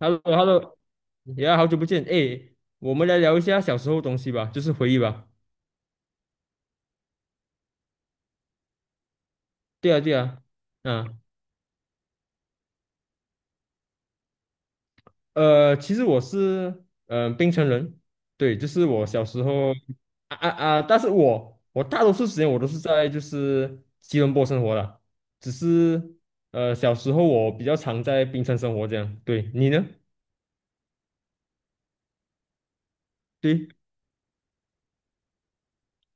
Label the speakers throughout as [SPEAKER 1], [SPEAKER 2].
[SPEAKER 1] Hello,Hello,呀，好久不见，哎，我们来聊一下小时候的东西吧，就是回忆吧。对啊，对啊，嗯，其实我是嗯、冰城人，对，就是我小时候啊啊啊，但是我大多数时间我都是在就是吉隆坡生活的，只是小时候我比较常在冰城生活这样。对，你呢？对，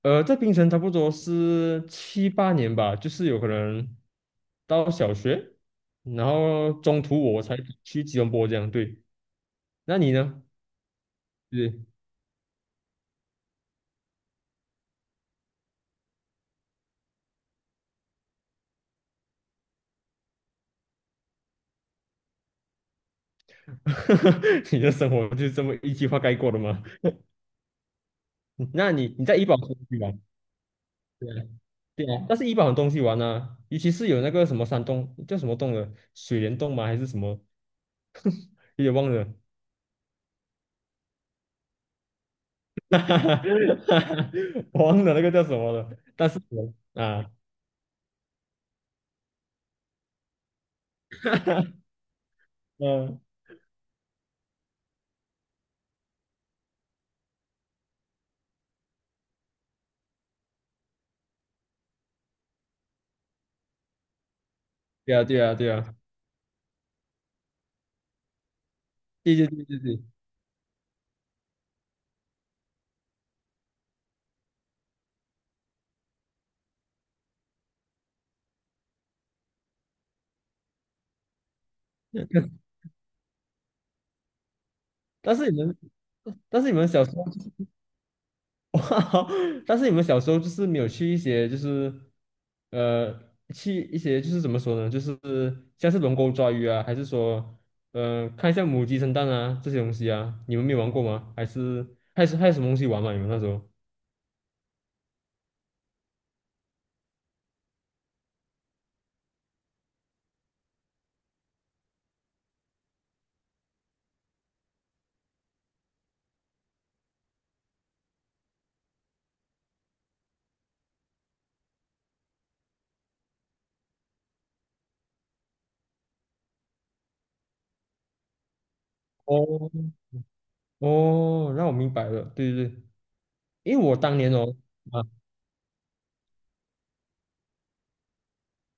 [SPEAKER 1] 呃，在槟城差不多是七八年吧，就是有可能到小学，然后中途我才去吉隆坡这样。对，那你呢？是，你的生活就是这么一句话概括的吗？那你在怡保出去玩？对啊，对啊，但是怡保很东西玩啊，尤其是有那个什么山洞叫什么洞的，水帘洞吗？还是什么？有点忘了。哈哈哈我忘了那个叫什么了。但是我啊，嗯，对啊，对啊，对啊，对对对对对。但是你们，但是你们小时候，哇但是你们小时候就是没有去一些，就是呃，去一些就是怎么说呢，就是像是龙沟抓鱼啊，还是说，呃，看一下母鸡生蛋啊这些东西啊，你们没有玩过吗？还是还是还有什么东西玩吗？你们那时候？哦哦，那我明白了，对对对，因为我当年哦。啊。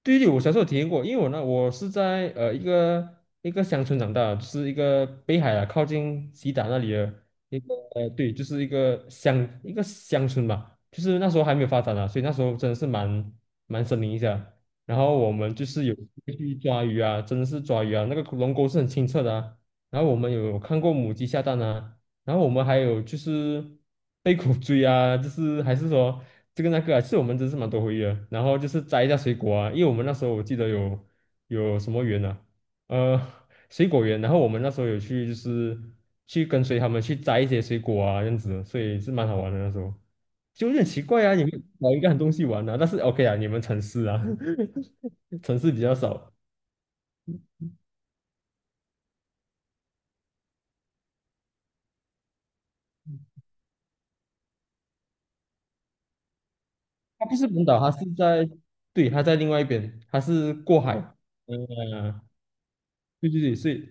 [SPEAKER 1] 对对，我小时候有体验过，因为我呢，我是在一个一个乡村长大的就是一个北海啊，靠近西达那里的一个对，就是一个乡一个乡村吧，就是那时候还没有发展啊，所以那时候真的是蛮森林一下。然后我们就是有去抓鱼啊，真的是抓鱼啊，那个龙沟是很清澈的啊。然后我们有看过母鸡下蛋啊，然后我们还有就是 被狗追啊，就是还是说这个那个啊，其实我们真是蛮多回忆的。然后就是摘一下水果啊，因为我们那时候我记得有有什么园啊，呃，水果园。然后我们那时候有去就是去跟随他们去摘一些水果啊，这样子，所以是蛮好玩的那时候。就有点奇怪啊，你们找一个很东西玩啊，但是 OK 啊，你们城市啊，城市比较少。它不是本岛，它是在，对，它在另外一边，它是过海。嗯，对对对，所以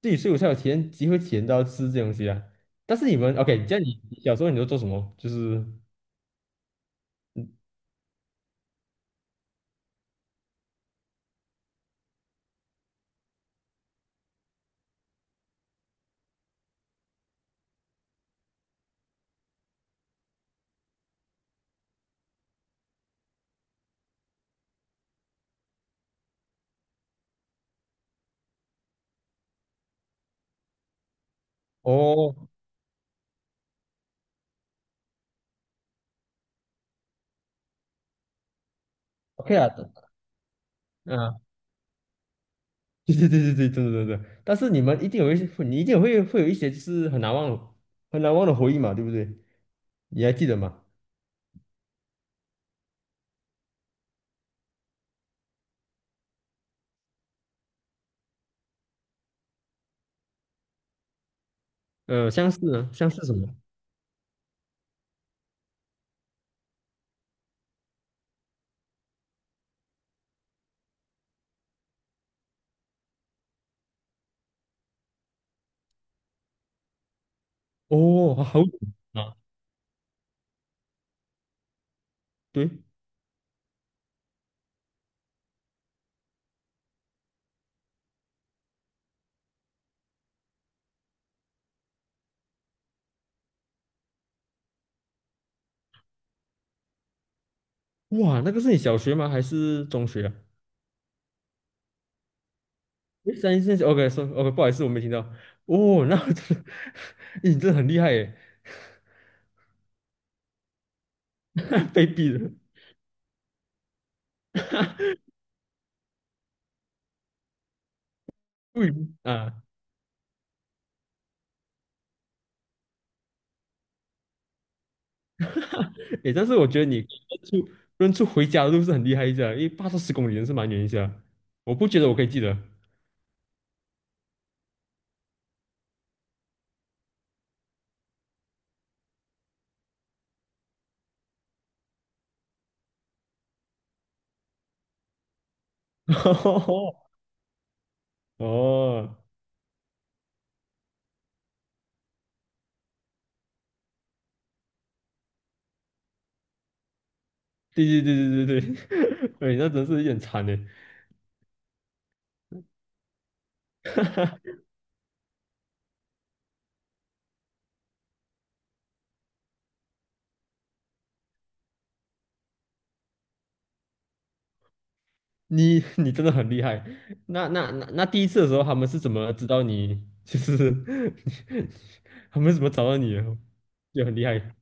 [SPEAKER 1] 自己以我才有体验机会体验到吃这东西啊。但是你们 OK，这样你小时候你都做什么？就是哦，OK 啊，嗯，对对对对对，真的真的。真的但是你们一定有一些，你一定会有一些就是很难忘的很难忘的回忆嘛，对不对？你还记得吗？呃，相似呢，相似什么？哦，好久啊，对，哇，那个是你小学吗？还是中学啊？诶三一三四，OK，说 OK，不好意思，我没听到。哦，那我真的 诶你真的很厉害耶，被逼的。对啊，诶，但是我觉得你认出认出回家的路是很厉害一下，因为八到十公里真是蛮远一下，我不觉得我可以记得。哦，对对对对对对，哎，那真是有点惨呢。你你真的很厉害。那第一次的时候，他们是怎么知道你？就是 他们是怎么找到你的？就很厉害。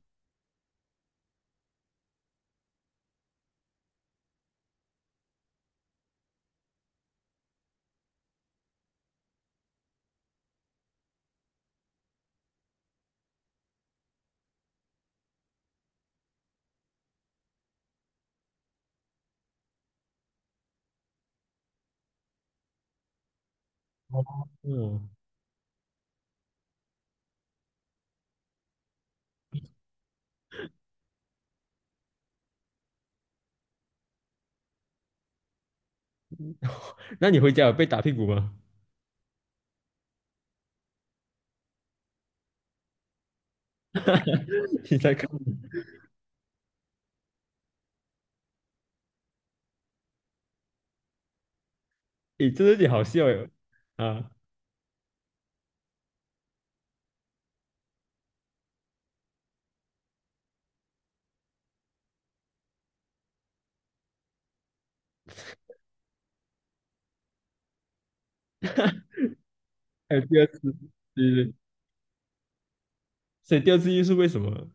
[SPEAKER 1] 哦，嗯那你回家有被打屁股吗？你在看，诶，真的有点好笑哟。啊，还有第二次，对对所以第二次就是为什么？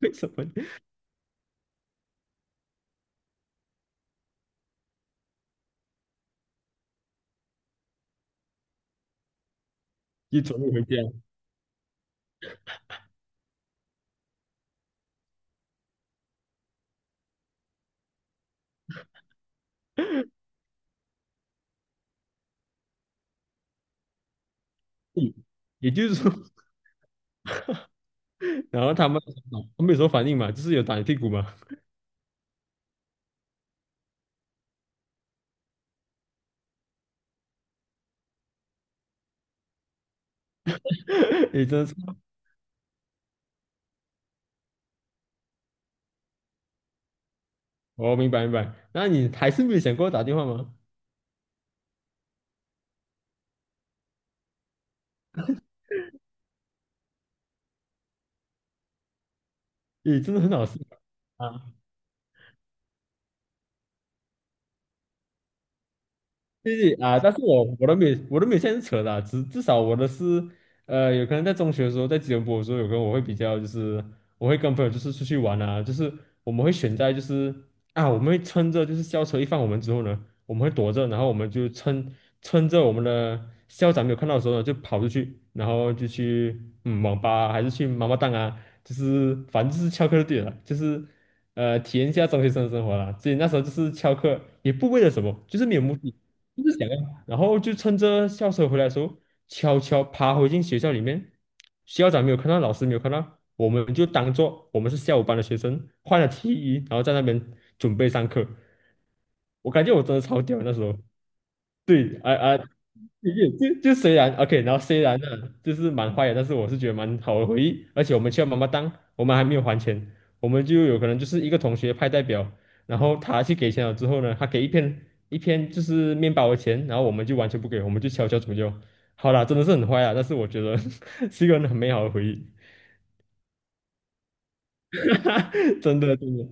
[SPEAKER 1] 为什么一走路回家？嗯，也就是说，然后他们有什么反应嘛，就是有打你屁股嘛。你真的是，哦，明白明白。那你还是没有想过打电话吗？你真的很好笑啊。谢谢啊，但是我都没有我都没有现在是扯的只至至少我的是，呃，有可能在中学的时候，在吉隆坡的时候，有可能我会比较就是，我会跟朋友就是出去玩啊，就是我们会选在就是啊，我们会趁着就是校车一放我们之后呢，我们会躲着，然后我们就趁趁着我们的校长没有看到的时候呢，就跑出去，然后就去嗯网吧啊还是去妈妈档啊，就是反正就是翘课就对了，就是。呃，体验一下中学生的生活啦。所以那时候就是翘课，也不为了什么，就是没有目的。就是想要，然后就趁着校车回来的时候，悄悄爬回进学校里面。校长没有看到，老师没有看到，我们就当做我们是下午班的学生，换了 T 衣，然后在那边准备上课。我感觉我真的超屌那时候。对，啊啊，也就就虽然 OK，然后虽然呢，就是蛮坏的，但是我是觉得蛮好的回忆。而且我们去了妈妈当我们还没有还钱，我们就有可能就是一个同学派代表，然后他去给钱了之后呢，他给一片一片就是面包的钱，然后我们就完全不给，我们就悄悄怎么就好啦，真的是很坏啊，但是我觉得 是一个很美好的回忆，真的真的。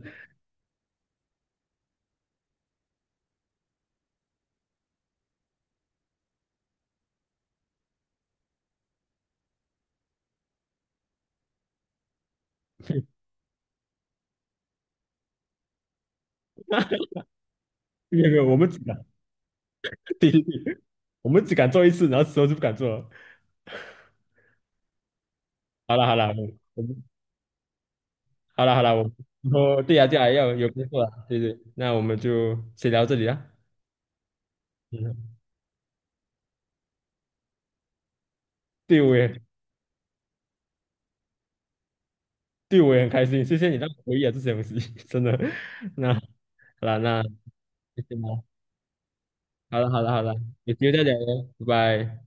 [SPEAKER 1] 没有没有，我们只敢，对对对，我们只敢做一次，然后之后就不敢做了。好了好了，我们好了好了，我以后对呀对呀，要有工作了，对对，那我们就先聊这里啦。嗯，对我也对我也很开心，谢谢你让我回忆了这些东西，真的。那好了，那谢谢啦，好了好了好了，有机会再聊咯拜拜。